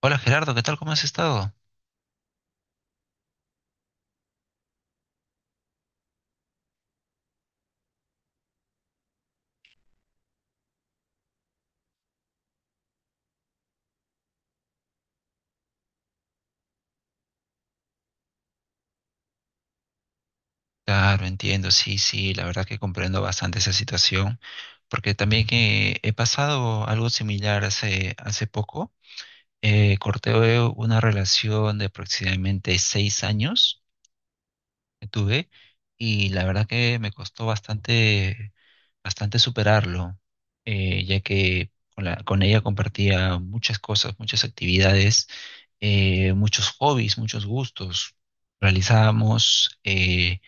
Hola Gerardo, ¿qué tal? ¿Cómo has estado? Claro, entiendo, sí, sí, la verdad que comprendo bastante esa situación, porque también que he pasado algo similar hace poco. Corté una relación de aproximadamente 6 años que tuve y la verdad que me costó bastante, bastante superarlo, ya que con ella compartía muchas cosas, muchas actividades, muchos hobbies, muchos gustos. Realizábamos eh,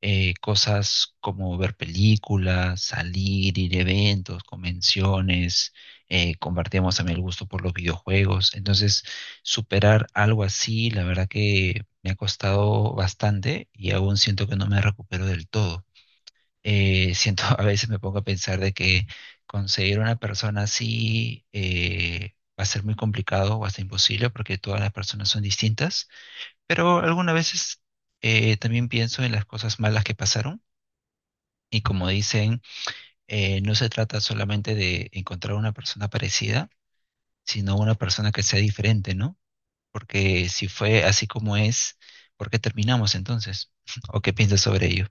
eh, cosas como ver películas, salir, ir a eventos, convenciones, compartíamos también el gusto por los videojuegos. Entonces, superar algo así, la verdad que me ha costado bastante y aún siento que no me recupero del todo. Siento, a veces me pongo a pensar de que conseguir una persona así va a ser muy complicado o hasta imposible porque todas las personas son distintas, pero algunas veces también pienso en las cosas malas que pasaron y como dicen, no se trata solamente de encontrar una persona parecida, sino una persona que sea diferente, ¿no? Porque si fue así como es, ¿por qué terminamos entonces? ¿O qué piensas sobre ello?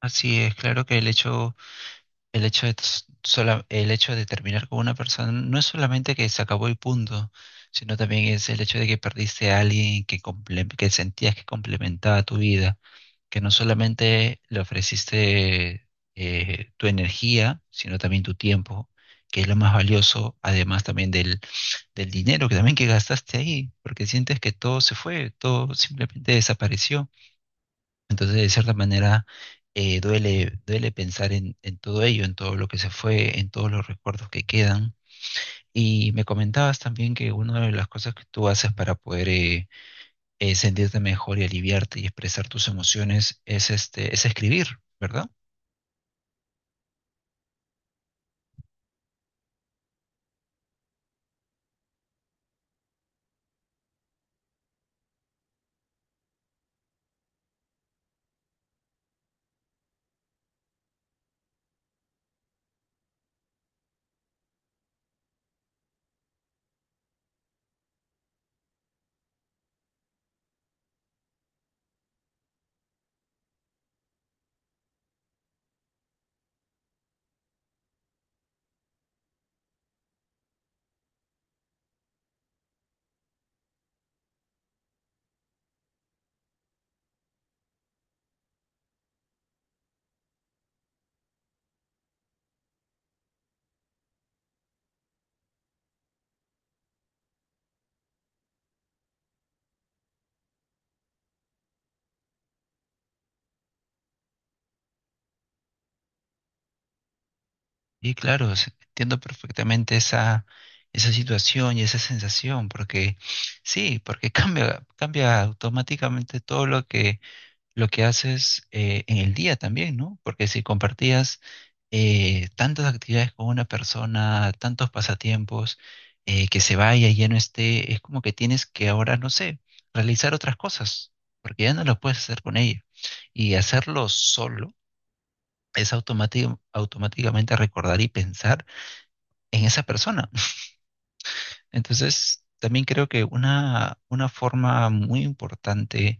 Así es, claro que el hecho de, el hecho de terminar con una persona no es solamente que se acabó el punto, sino también es el hecho de que perdiste a alguien que sentías que complementaba tu vida, que no solamente le ofreciste tu energía, sino también tu tiempo, que es lo más valioso, además también del dinero que también que gastaste ahí, porque sientes que todo se fue, todo simplemente desapareció. Entonces, de cierta manera, duele, duele pensar en todo ello, en todo lo que se fue, en todos los recuerdos que quedan. Y me comentabas también que una de las cosas que tú haces para poder sentirte mejor y aliviarte y expresar tus emociones es, este, es escribir, ¿verdad? Y claro, entiendo perfectamente esa, esa situación y esa sensación, porque sí, porque cambia, cambia automáticamente todo lo que haces en el día también, ¿no? Porque si compartías tantas actividades con una persona, tantos pasatiempos, que se vaya y ya no esté, es como que tienes que ahora, no sé, realizar otras cosas, porque ya no lo puedes hacer con ella. Y hacerlo solo es automáticamente recordar y pensar en esa persona. Entonces, también creo que una forma muy importante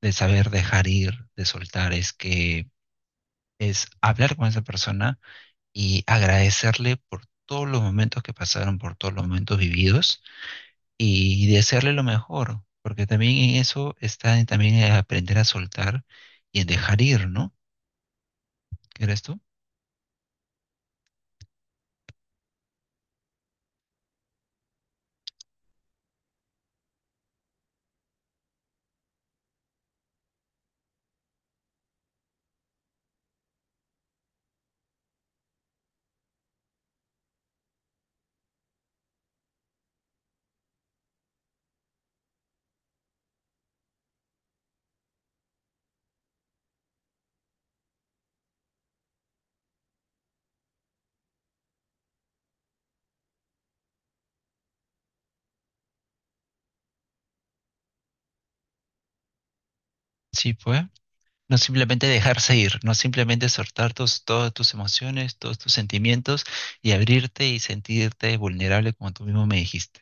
de saber dejar ir, de soltar, es hablar con esa persona y agradecerle por todos los momentos que pasaron, por todos los momentos vividos y desearle lo mejor, porque también en eso está en también en aprender a soltar y en dejar ir, ¿no? ¿Crees tú? Sí, pues. No simplemente dejarse ir, no simplemente soltar todas tus emociones, todos tus sentimientos y abrirte y sentirte vulnerable como tú mismo me dijiste.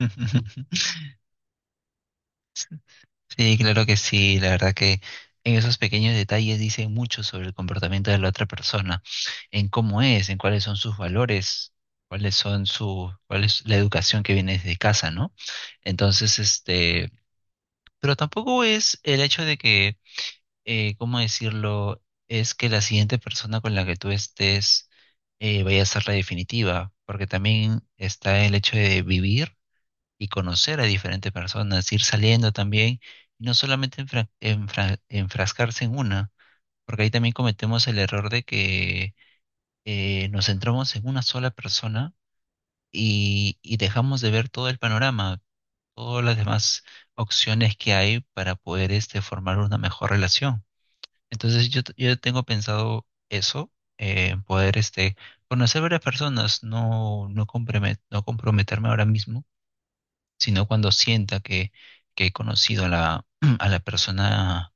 Sí, claro que sí. La verdad que en esos pequeños detalles dicen mucho sobre el comportamiento de la otra persona, en cómo es, en cuáles son sus valores, cuál es la educación que viene desde casa, ¿no? Entonces, este, pero tampoco es el hecho de que, ¿cómo decirlo? Es que la siguiente persona con la que tú estés vaya a ser la definitiva, porque también está el hecho de vivir y conocer a diferentes personas, ir saliendo también, y no solamente enfrascarse en una, porque ahí también cometemos el error de que nos centramos en una sola persona y dejamos de ver todo el panorama, todas las demás opciones que hay para poder este, formar una mejor relación. Entonces yo tengo pensado eso, poder este, conocer varias personas, no no comprometerme ahora mismo sino cuando sienta que he conocido a la, a la persona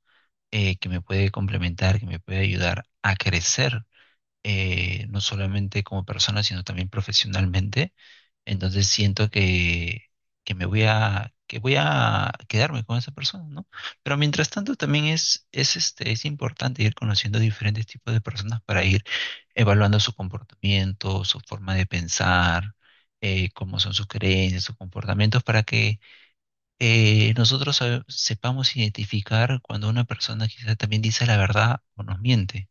que me puede complementar, que me puede ayudar a crecer, no solamente como persona, sino también profesionalmente. Entonces siento que me voy a, que voy a quedarme con esa persona, ¿no? Pero mientras tanto también es, este, es importante ir conociendo diferentes tipos de personas para ir evaluando su comportamiento, su forma de pensar, cómo son sus creencias, sus comportamientos, para que nosotros sepamos identificar cuando una persona quizá también dice la verdad o nos miente.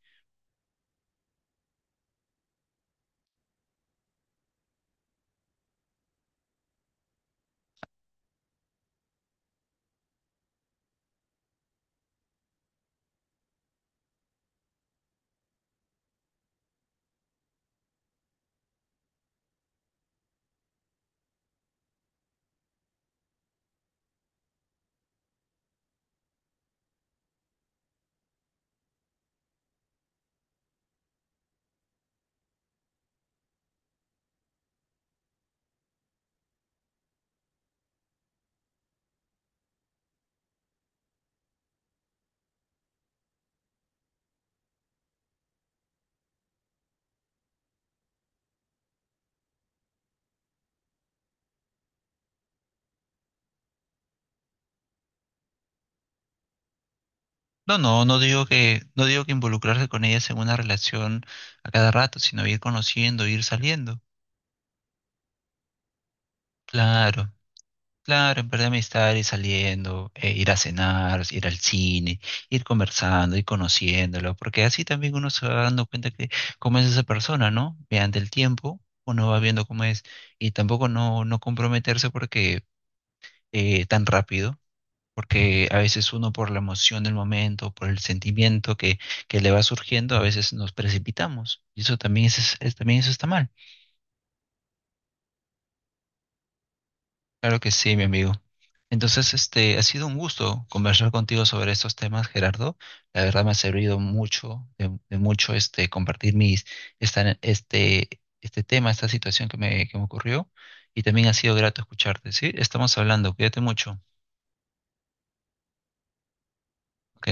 No, no, no digo que, no digo que involucrarse con ellas en una relación a cada rato, sino ir conociendo, ir saliendo. Claro, claro, en verdad amistad, ir saliendo, ir a cenar, ir al cine, ir conversando, ir conociéndolo, porque así también uno se va dando cuenta que cómo es esa persona, ¿no? Mediante el tiempo, uno va viendo cómo es, y tampoco no, no comprometerse porque tan rápido porque a veces uno por la emoción del momento, por el sentimiento que le va surgiendo, a veces nos precipitamos. Y eso también es, también eso está mal. Claro que sí, mi amigo. Entonces, este, ha sido un gusto conversar contigo sobre estos temas, Gerardo. La verdad me ha servido mucho, de mucho este, compartir mis, esta- este, este tema, esta situación que me ocurrió. Y también ha sido grato escucharte, ¿sí? Estamos hablando, cuídate mucho. Ok.